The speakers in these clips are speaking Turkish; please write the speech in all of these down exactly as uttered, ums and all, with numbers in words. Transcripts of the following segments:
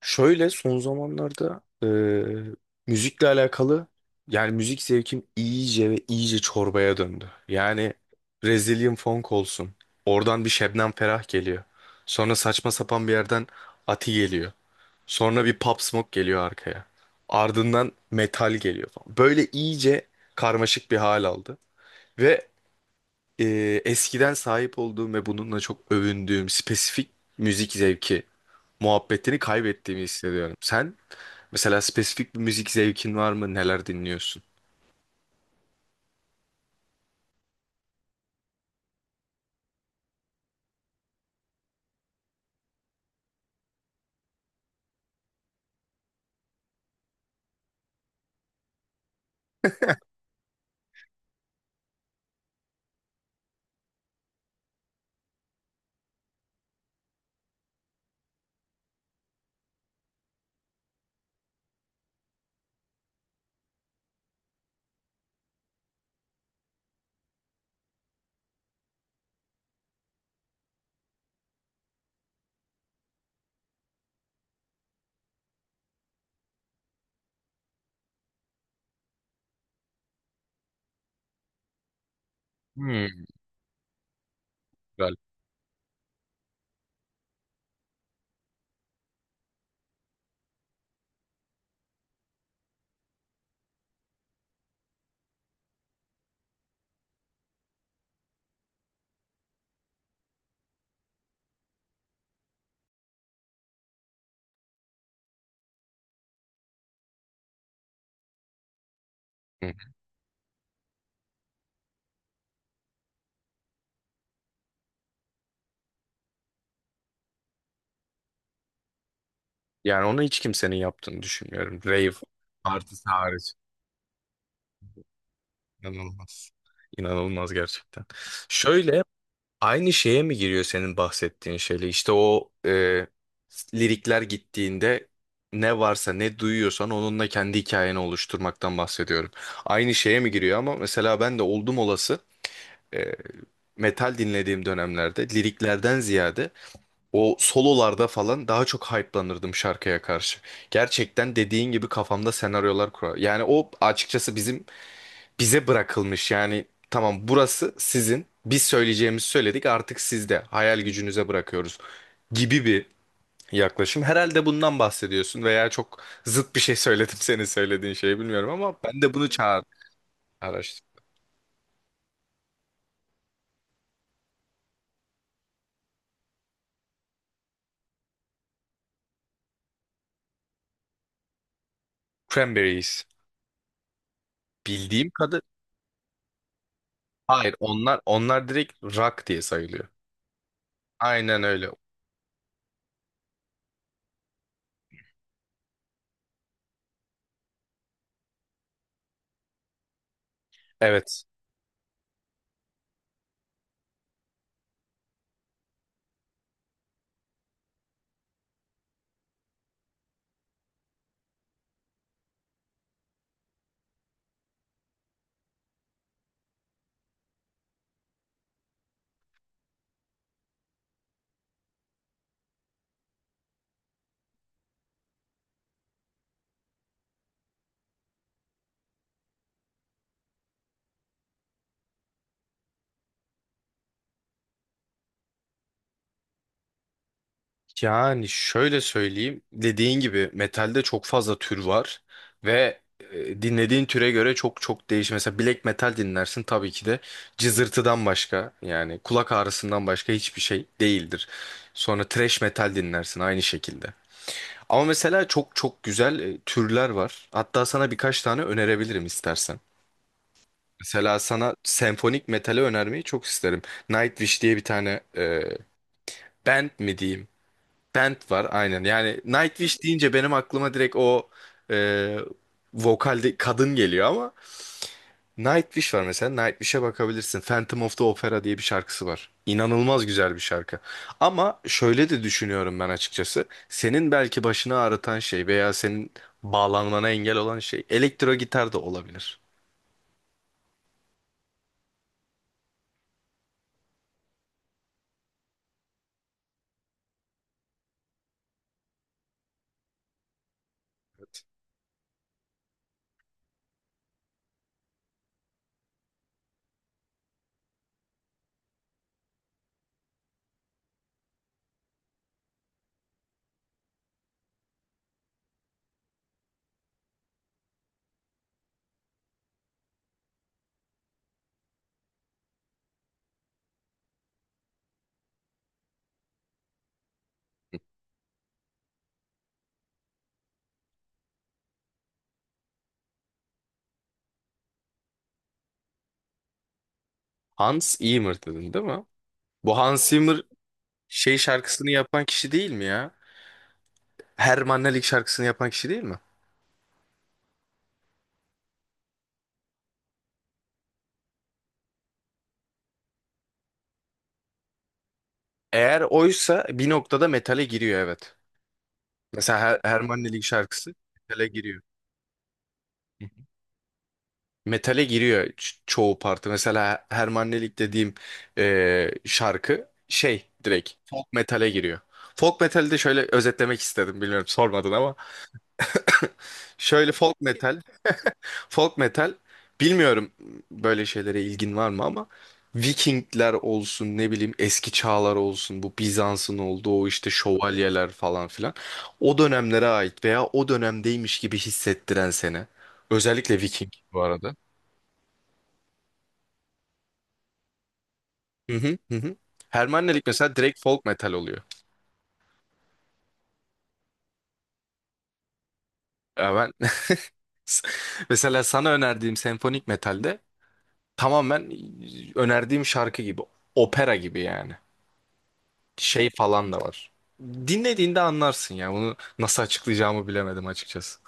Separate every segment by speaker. Speaker 1: Şöyle son zamanlarda e, müzikle alakalı yani müzik zevkim iyice ve iyice çorbaya döndü. Yani Brazilian funk olsun. Oradan bir Şebnem Ferah geliyor. Sonra saçma sapan bir yerden Ati geliyor. Sonra bir Pop Smoke geliyor arkaya. Ardından metal geliyor falan. Böyle iyice karmaşık bir hal aldı. Ve e, eskiden sahip olduğum ve bununla çok övündüğüm spesifik müzik zevki muhabbetini kaybettiğimi hissediyorum. Sen? Mesela spesifik bir müzik zevkin var mı? Neler dinliyorsun? Hmm, güzel. Hı. Yani onu hiç kimsenin yaptığını düşünmüyorum. Rave partisi hariç. İnanılmaz. İnanılmaz gerçekten. Şöyle aynı şeye mi giriyor senin bahsettiğin şeyle? İşte o e, lirikler gittiğinde ne varsa ne duyuyorsan onunla kendi hikayeni oluşturmaktan bahsediyorum. Aynı şeye mi giriyor ama mesela ben de oldum olası e, metal dinlediğim dönemlerde liriklerden ziyade o sololarda falan daha çok hype'lanırdım şarkıya karşı. Gerçekten dediğin gibi kafamda senaryolar kurar. Yani o açıkçası bizim bize bırakılmış. Yani tamam burası sizin. Biz söyleyeceğimizi söyledik artık sizde. Hayal gücünüze bırakıyoruz gibi bir yaklaşım. Herhalde bundan bahsediyorsun veya çok zıt bir şey söyledim senin söylediğin şeyi bilmiyorum ama ben de bunu çağır araştırdım. Cranberries. Bildiğim kadı. Hayır onlar onlar direkt rock diye sayılıyor. Aynen öyle. Evet. Yani şöyle söyleyeyim, dediğin gibi metalde çok fazla tür var ve e, dinlediğin türe göre çok çok değişir. Mesela black metal dinlersin tabii ki de cızırtıdan başka yani kulak ağrısından başka hiçbir şey değildir. Sonra thrash metal dinlersin aynı şekilde. Ama mesela çok çok güzel e, türler var. Hatta sana birkaç tane önerebilirim istersen. Mesela sana senfonik metali önermeyi çok isterim. Nightwish diye bir tane e, band mi diyeyim? Band var aynen. Yani Nightwish deyince benim aklıma direkt o e, vokalde kadın geliyor ama Nightwish var mesela. Nightwish'e bakabilirsin. Phantom of the Opera diye bir şarkısı var. İnanılmaz güzel bir şarkı. Ama şöyle de düşünüyorum ben açıkçası. Senin belki başını ağrıtan şey veya senin bağlanmana engel olan şey elektro gitar da olabilir. Hans Zimmer dedin değil mi? Bu Hans Zimmer şey şarkısını yapan kişi değil mi ya? Hermann Ellik şarkısını yapan kişi değil mi? Eğer oysa bir noktada metale giriyor evet. Mesela Her Hermannelik şarkısı metale giriyor. Metale giriyor ç- çoğu parti. Mesela Hermannelik dediğim e, şarkı şey direkt folk metale giriyor. Folk metali de şöyle özetlemek istedim. Bilmiyorum sormadın ama. Şöyle folk metal Folk metal bilmiyorum böyle şeylere ilgin var mı ama Vikingler olsun ne bileyim eski çağlar olsun bu Bizans'ın olduğu o işte şövalyeler falan filan o dönemlere ait veya o dönemdeymiş gibi hissettiren seni. Özellikle Viking bu arada. Hı hı hı hı. Hermannelik mesela direkt folk metal oluyor. Ya ben mesela sana önerdiğim senfonik metalde tamamen önerdiğim şarkı gibi opera gibi yani. Şey falan da var. Dinlediğinde anlarsın ya. Bunu nasıl açıklayacağımı bilemedim açıkçası.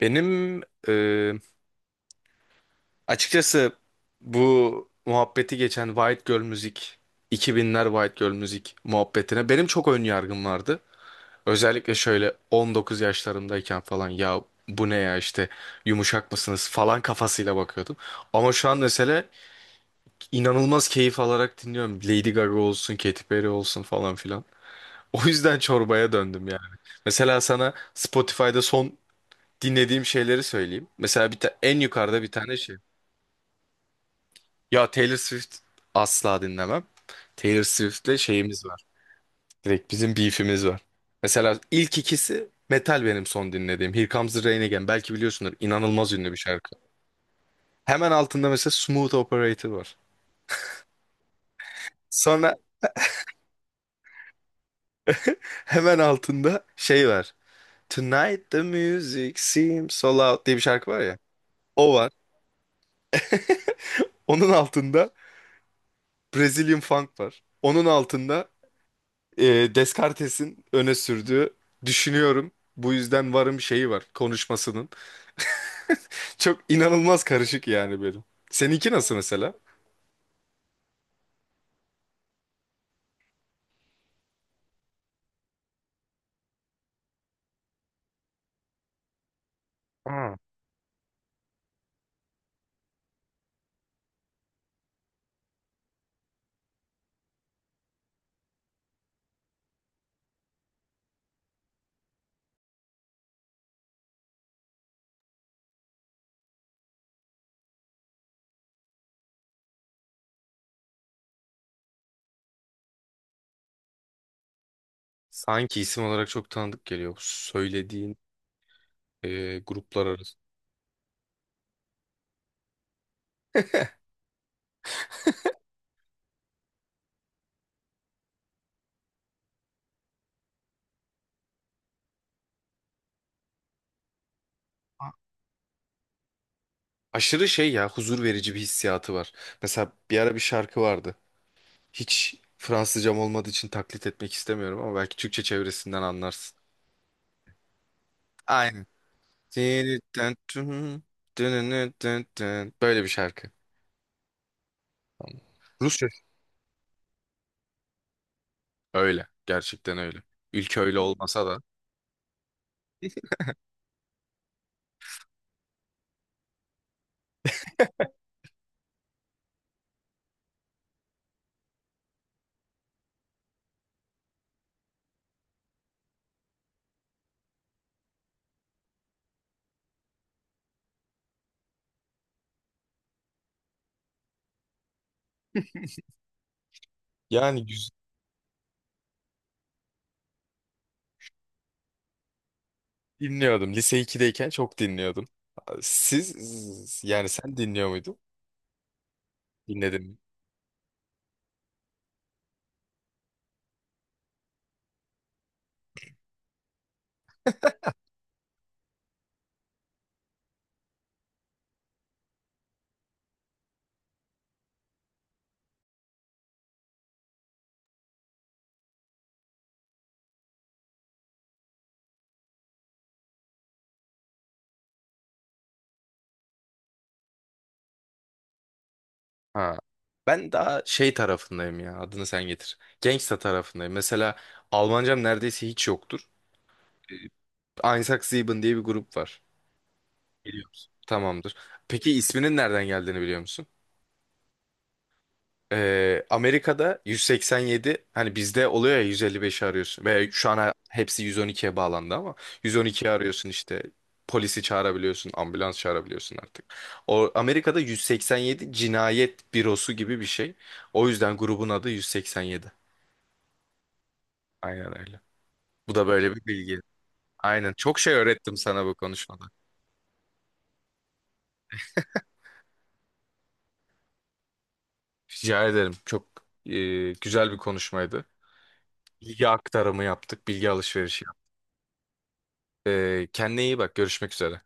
Speaker 1: Benim e, açıkçası bu muhabbeti geçen White Girl müzik, iki binler White Girl müzik muhabbetine benim çok ön yargım vardı. Özellikle şöyle on dokuz yaşlarımdayken falan ya bu ne ya işte yumuşak mısınız falan kafasıyla bakıyordum. Ama şu an mesela inanılmaz keyif alarak dinliyorum. Lady Gaga olsun, Katy Perry olsun falan filan. O yüzden çorbaya döndüm yani. Mesela sana Spotify'da son dinlediğim şeyleri söyleyeyim. Mesela bir ta- en yukarıda bir tane şey. Ya Taylor Swift asla dinlemem. Taylor Swift'le şeyimiz var. Direkt bizim beef'imiz var. Mesela ilk ikisi metal benim son dinlediğim. Here Comes the Rain Again. Belki biliyorsundur. İnanılmaz ünlü bir şarkı. Hemen altında mesela Smooth Operator var. Sonra hemen altında şey var. Tonight the music seems so loud diye bir şarkı var ya. O var. Onun altında Brazilian Funk var. Onun altında e, Descartes'in öne sürdüğü düşünüyorum bu yüzden varım şeyi var konuşmasının. Çok inanılmaz karışık yani benim. Seninki nasıl mesela? Aa. Sanki isim olarak çok tanıdık geliyor bu söylediğin e, gruplar arası. Aşırı şey ya huzur verici bir hissiyatı var. Mesela bir ara bir şarkı vardı. Hiç Fransızcam olmadığı için taklit etmek istemiyorum ama belki Türkçe çevresinden anlarsın. Aynen. Böyle bir şarkı. Tamam. Rusça. Öyle. Gerçekten öyle. Ülke öyle olmasa da. Yani güz- dinliyordum. Lise iki'deyken çok dinliyordum. Siz yani sen dinliyor muydun? Dinledim mi? Ha. Ben daha şey tarafındayım ya. Adını sen getir. Gangsta tarafındayım. Mesela Almancam neredeyse hiç yoktur. Einsatzleben diye bir grup var. Biliyor musun? Tamamdır. Peki isminin nereden geldiğini biliyor musun? Ee, Amerika'da yüz seksen yedi hani bizde oluyor ya yüz elli beşi arıyorsun ve şu an hepsi yüz on ikiye bağlandı ama yüz on ikiyi arıyorsun işte polisi çağırabiliyorsun ambulans çağırabiliyorsun artık. O Amerika'da yüz seksen yedi cinayet bürosu gibi bir şey. O yüzden grubun adı yüz seksen yedi. Aynen öyle. Bu da böyle bir bilgi. Aynen çok şey öğrettim sana bu konuşmada. Rica ederim. Çok e, güzel bir konuşmaydı. Bilgi aktarımı yaptık, bilgi alışverişi yaptık. Ee, kendine iyi bak. Görüşmek üzere.